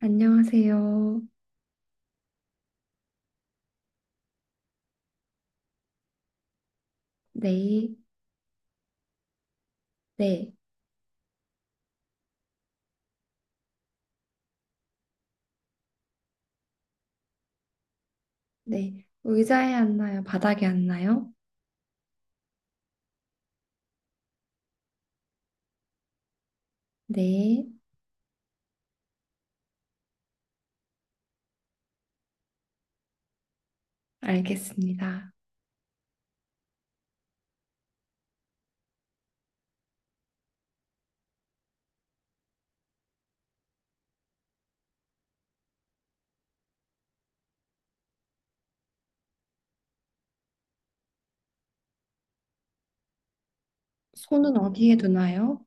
안녕하세요. 네, 네, 네. 의자에 앉나요? 바닥에 앉나요? 네, 알겠습니다. 손은 어디에 두나요?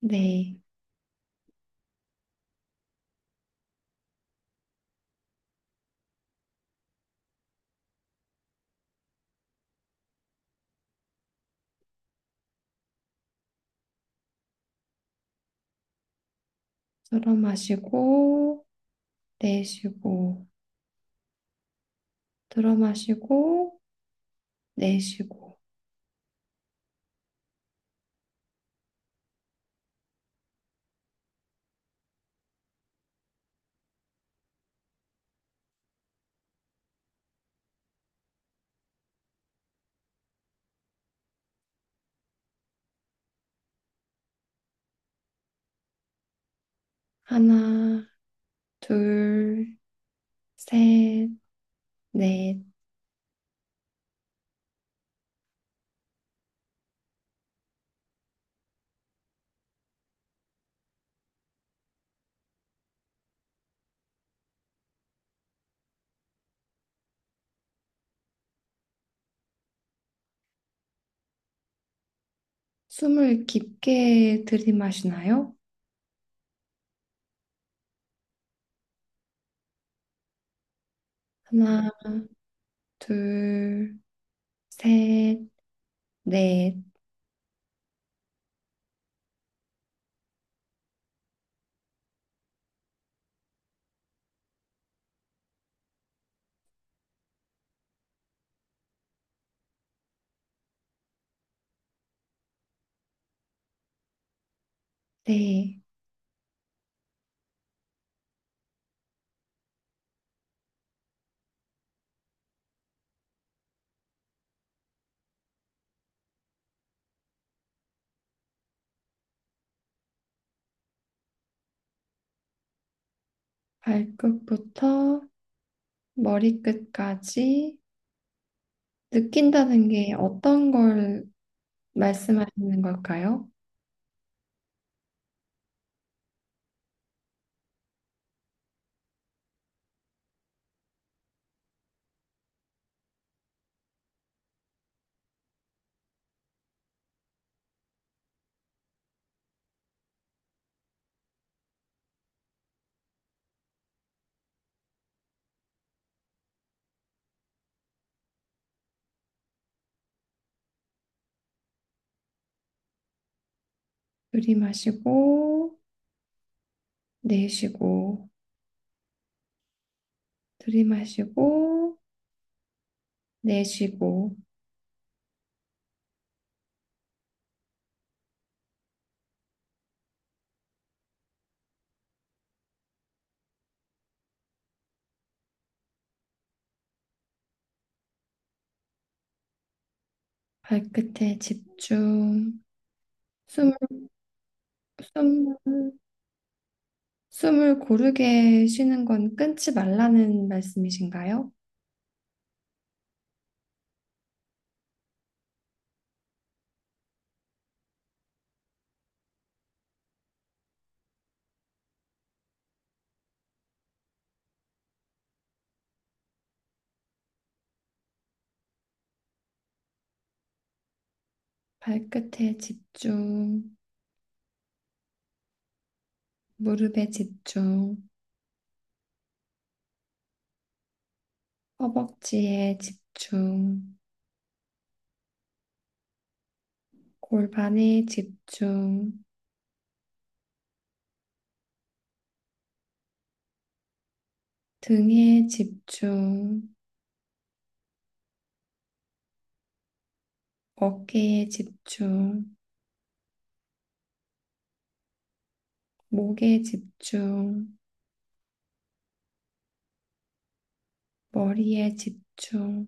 네, 들어 마시고, 내쉬고, 들어 마시고, 내쉬고. 하나, 둘, 셋, 넷. 숨을 깊게 들이마시나요? 하나, 둘, 셋, 넷. 네, 발끝부터 머리끝까지 느낀다는 게 어떤 걸 말씀하시는 걸까요? 들이마시고, 내쉬고, 들이마시고, 내쉬고, 발끝에 집중, 숨을, 숨을, 숨을 고르게 쉬는 건 끊지 말라는 말씀이신가요? 발끝에 집중, 무릎에 집중, 허벅지에 집중, 골반에 집중, 등에 집중, 어깨에 집중, 목에 집중, 머리에 집중.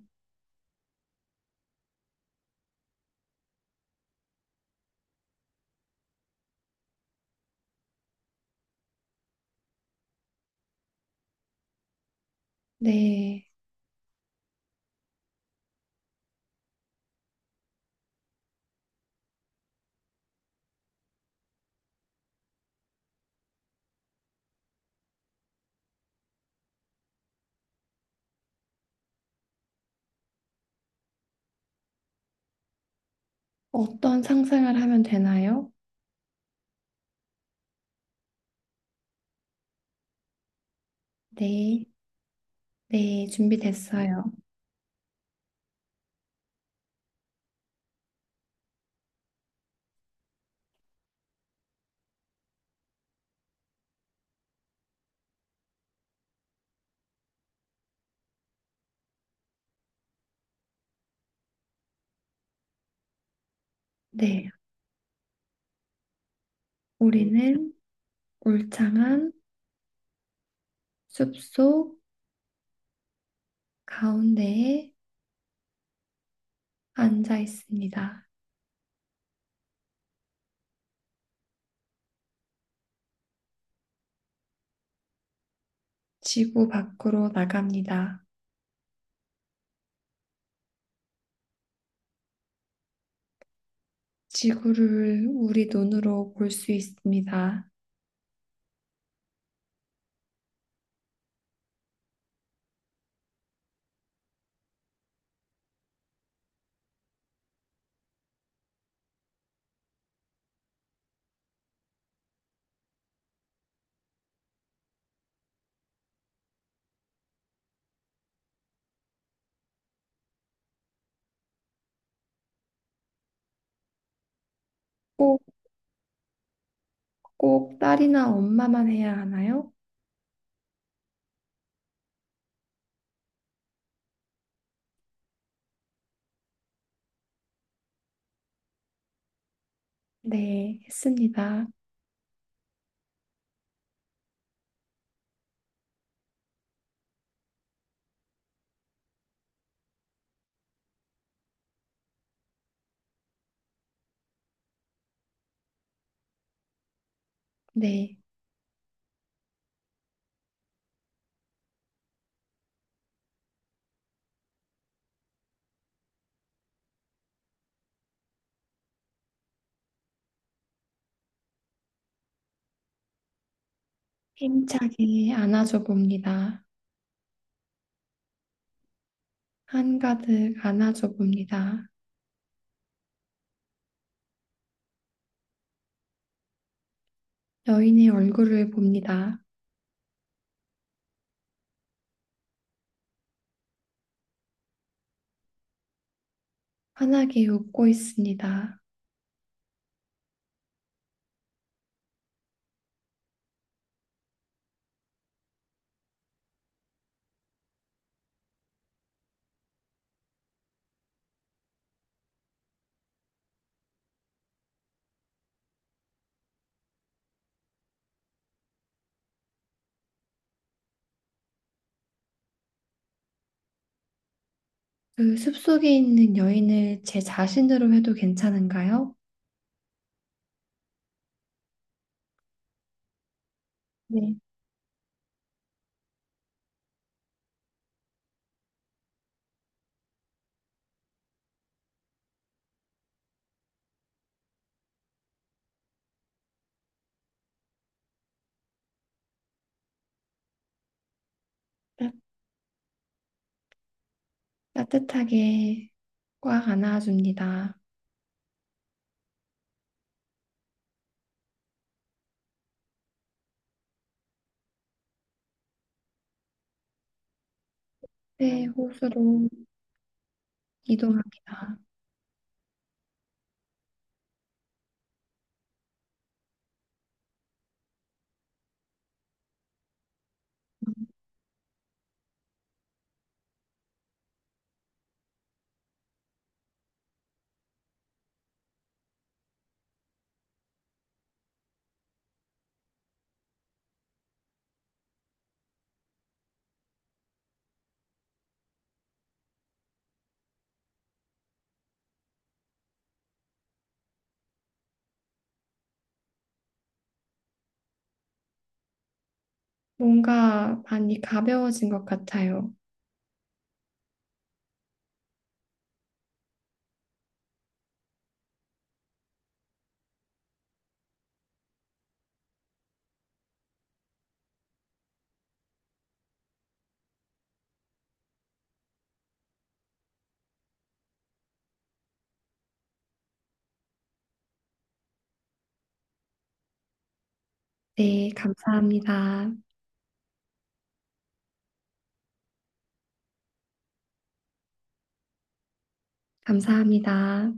네. 어떤 상상을 하면 되나요? 네. 네. 준비됐어요. 네. 우리는 울창한 숲속 가운데에 앉아 있습니다. 지구 밖으로 나갑니다. 지구를 우리 눈으로 볼 수 있습니다. 꼭, 꼭 딸이나 엄마만 해야 하나요? 네, 했습니다. 네, 힘차게 안아줘 봅니다. 한가득 안아줘 봅니다. 여인의 얼굴을 봅니다. 환하게 웃고 있습니다. 그 숲속에 있는 여인을 제 자신으로 해도 괜찮은가요? 네, 따, 따뜻하게 꽉 안아줍니다. 새 호수로 이동합니다. 뭔가 많이 가벼워진 것 같아요. 네, 감사합니다. 감사합니다.